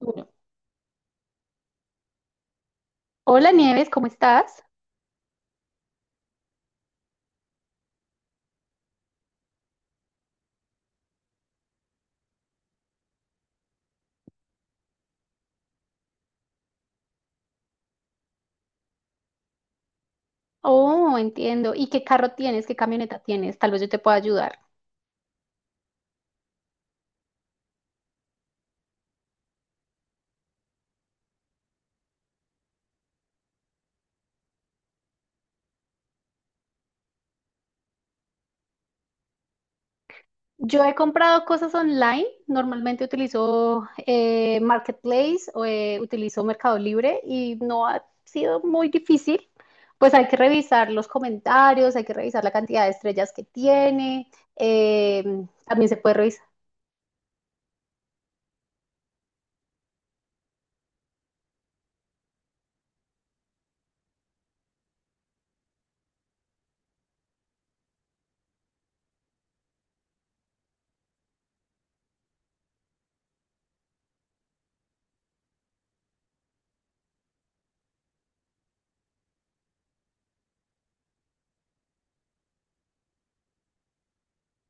Uno. Hola Nieves, ¿cómo estás? Oh, entiendo. ¿Y qué carro tienes? ¿Qué camioneta tienes? Tal vez yo te pueda ayudar. Yo he comprado cosas online. Normalmente utilizo Marketplace o utilizo Mercado Libre y no ha sido muy difícil. Pues hay que revisar los comentarios, hay que revisar la cantidad de estrellas que tiene. eh, también se puede revisar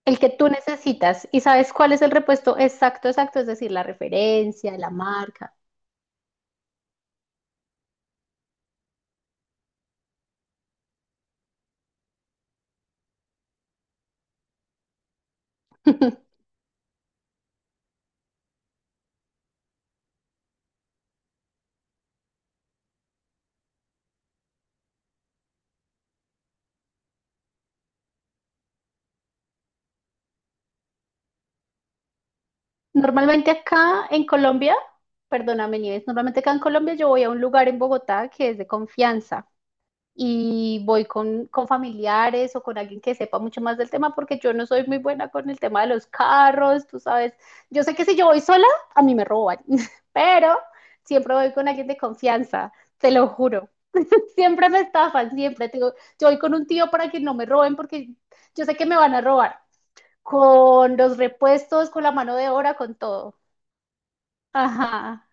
el que tú necesitas y sabes cuál es el repuesto exacto, exacto, es decir, la referencia, la marca. Normalmente acá en Colombia, perdóname, Nieves, normalmente acá en Colombia yo voy a un lugar en Bogotá que es de confianza y voy con familiares o con alguien que sepa mucho más del tema porque yo no soy muy buena con el tema de los carros, tú sabes. Yo sé que si yo voy sola, a mí me roban, pero siempre voy con alguien de confianza, te lo juro. Siempre me estafan, siempre, te digo, yo voy con un tío para que no me roben porque yo sé que me van a robar. Con los repuestos, con la mano de obra, con todo. Ajá.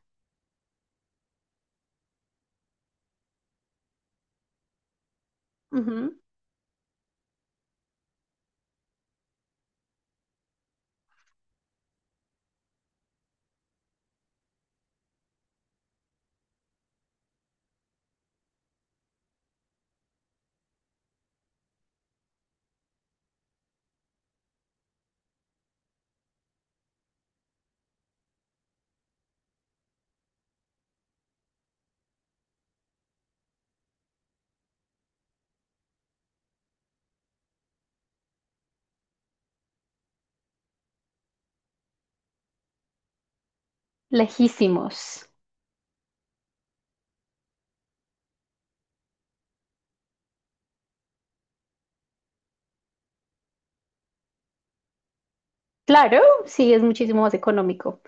Ujú. Lejísimos. Claro, sí, es muchísimo más económico.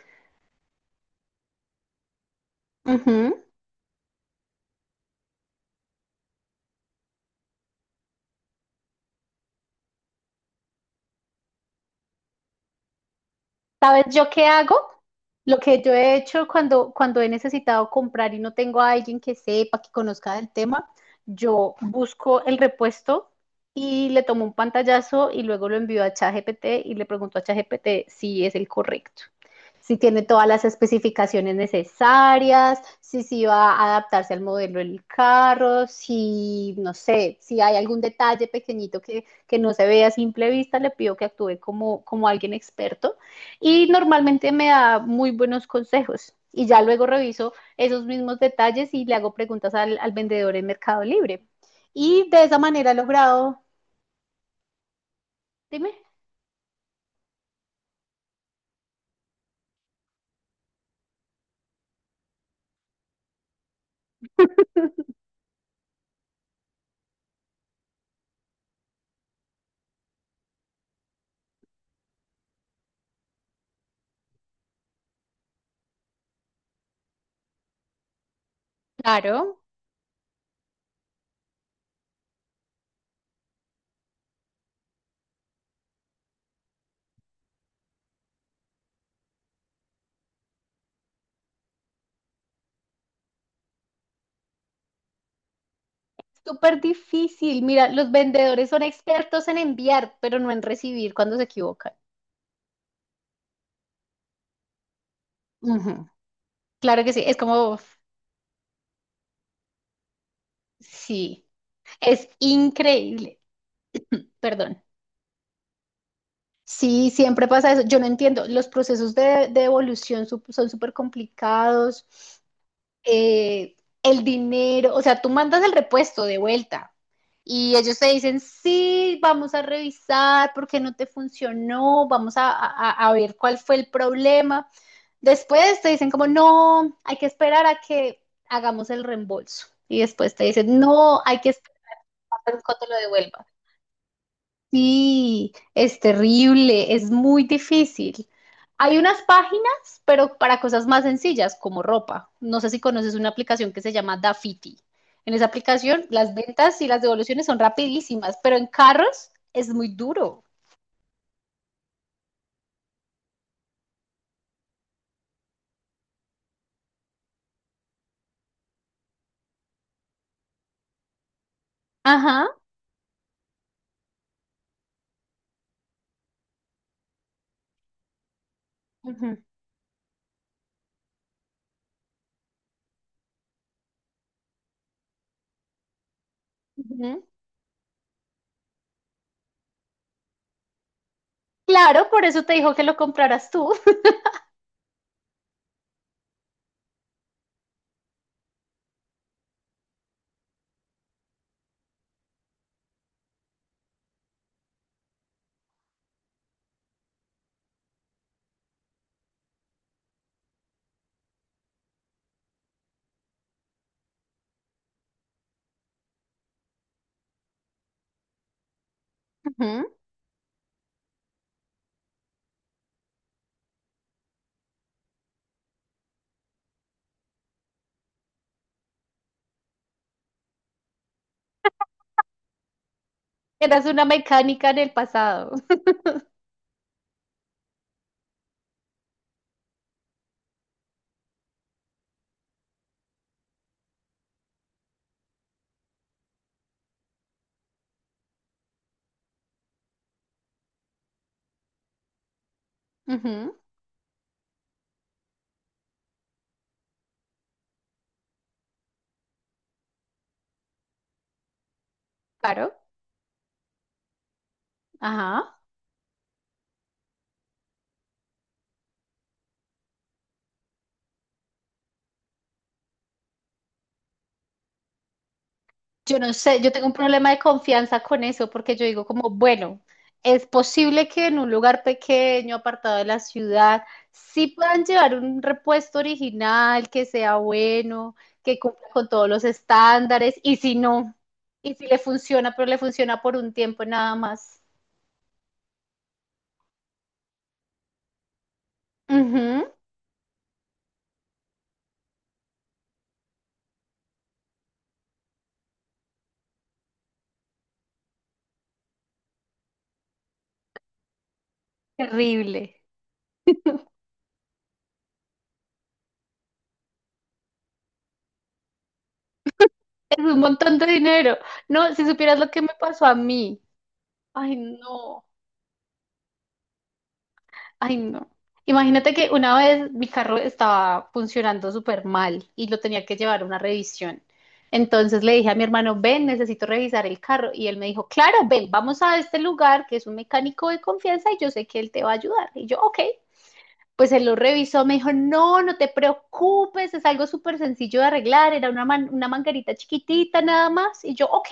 Ujú. ¿Sabes yo qué hago? Lo que yo he hecho cuando he necesitado comprar y no tengo a alguien que sepa, que conozca del tema, yo busco el repuesto y le tomo un pantallazo y luego lo envío a ChatGPT y le pregunto a ChatGPT si es el correcto, si tiene todas las especificaciones necesarias, si sí va a adaptarse al modelo del carro, si, no sé, si hay algún detalle pequeñito que no se vea a simple vista, le pido que actúe como alguien experto y normalmente me da muy buenos consejos y ya luego reviso esos mismos detalles y le hago preguntas al vendedor en Mercado Libre. Y de esa manera he logrado, dime, claro, súper difícil. Mira, los vendedores son expertos en enviar, pero no en recibir cuando se equivocan. Ujú. Claro que sí, es como, sí, es increíble, perdón. Sí, siempre pasa eso. Yo no entiendo, los procesos de devolución son súper complicados. eh, el dinero, o sea, tú mandas el repuesto de vuelta y ellos te dicen, sí, vamos a revisar porque no te funcionó, vamos a ver cuál fue el problema. Después te dicen como, no, hay que esperar a que hagamos el reembolso. Y después te dicen, no, hay que esperar a que lo devuelvan. Sí, es terrible, es muy difícil. Hay unas páginas, pero para cosas más sencillas, como ropa. No sé si conoces una aplicación que se llama Dafiti. En esa aplicación, las ventas y las devoluciones son rapidísimas, pero en carros es muy duro. Ajá. Ujú. Ujú. Claro, por eso te dijo que lo compraras tú. Ujú. Eras una mecánica en el pasado. Ujú. Claro. Ajá. Yo no sé, yo tengo un problema de confianza con eso porque yo digo como, bueno, es posible que en un lugar pequeño, apartado de la ciudad, sí puedan llevar un repuesto original, que sea bueno, que cumpla con todos los estándares, y si no, y si le funciona, pero le funciona por un tiempo nada más. Ujú. Terrible. Es un montón de dinero. No, si supieras lo que me pasó a mí. Ay, no. Ay, no. Imagínate que una vez mi carro estaba funcionando súper mal y lo tenía que llevar a una revisión. Entonces le dije a mi hermano, ven, necesito revisar el carro. Y él me dijo, claro, ven, vamos a este lugar que es un mecánico de confianza y yo sé que él te va a ayudar. Y yo, ok, pues él lo revisó, me dijo, no, no te preocupes, es algo súper sencillo de arreglar, era una manguerita chiquitita nada más, y yo, ok,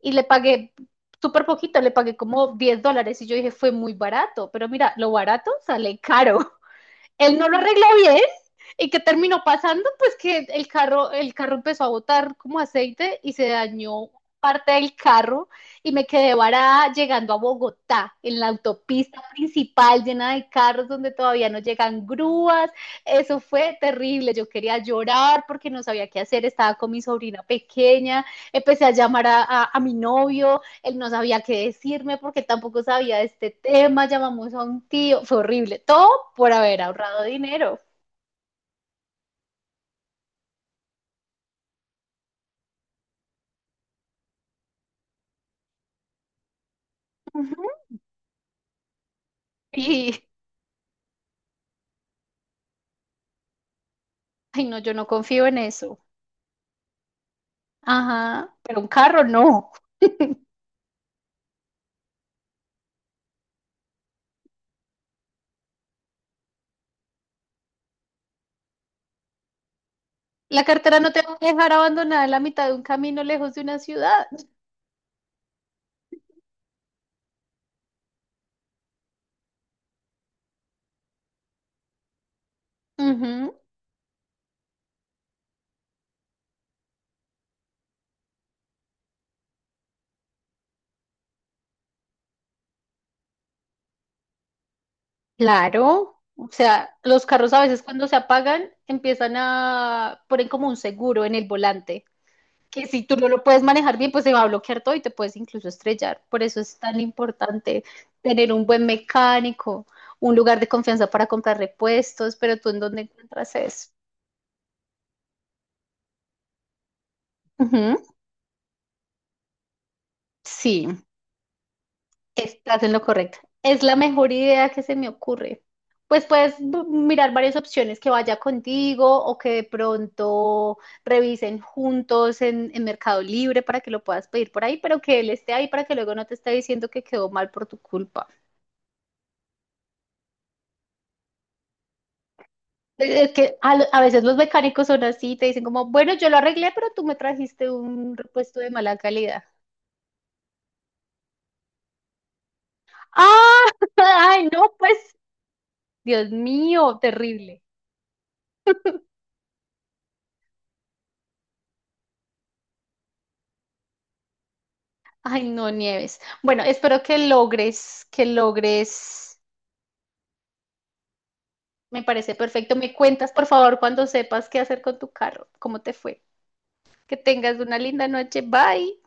y le pagué súper poquito, le pagué como $10, y yo dije, fue muy barato, pero mira, lo barato sale caro, él no lo arregló bien, y qué terminó pasando, pues que el carro empezó a botar como aceite y se dañó parte del carro y me quedé varada llegando a Bogotá, en la autopista principal llena de carros donde todavía no llegan grúas. Eso fue terrible, yo quería llorar porque no sabía qué hacer, estaba con mi sobrina pequeña, empecé a llamar a mi novio, él no sabía qué decirme porque tampoco sabía de este tema, llamamos a un tío, fue horrible, todo por haber ahorrado dinero. Ujú. Y, ay, no, yo no confío en eso. Ajá, pero un carro no. La cartera no te va a dejar abandonada en la mitad de un camino lejos de una ciudad. Ujú. Claro. O sea, los carros a veces cuando se apagan empiezan a poner como un seguro en el volante, que si tú no lo puedes manejar bien, pues se va a bloquear todo y te puedes incluso estrellar. Por eso es tan importante tener un buen mecánico, un lugar de confianza para comprar repuestos, pero tú ¿en dónde encuentras eso? Ujú. Sí, estás en lo correcto. Es la mejor idea que se me ocurre. Pues puedes mirar varias opciones que vaya contigo o que de pronto revisen juntos en Mercado Libre para que lo puedas pedir por ahí, pero que él esté ahí para que luego no te esté diciendo que quedó mal por tu culpa. Es que a veces los mecánicos son así, te dicen como, bueno, yo lo arreglé, pero tú me trajiste un repuesto de mala calidad. ¡Ah! ¡Ay, no! Pues, Dios mío, terrible. Ay, no, Nieves. Bueno, espero que logres, que logres. Me parece perfecto. Me cuentas, por favor, cuando sepas qué hacer con tu carro, cómo te fue. Que tengas una linda noche. Bye.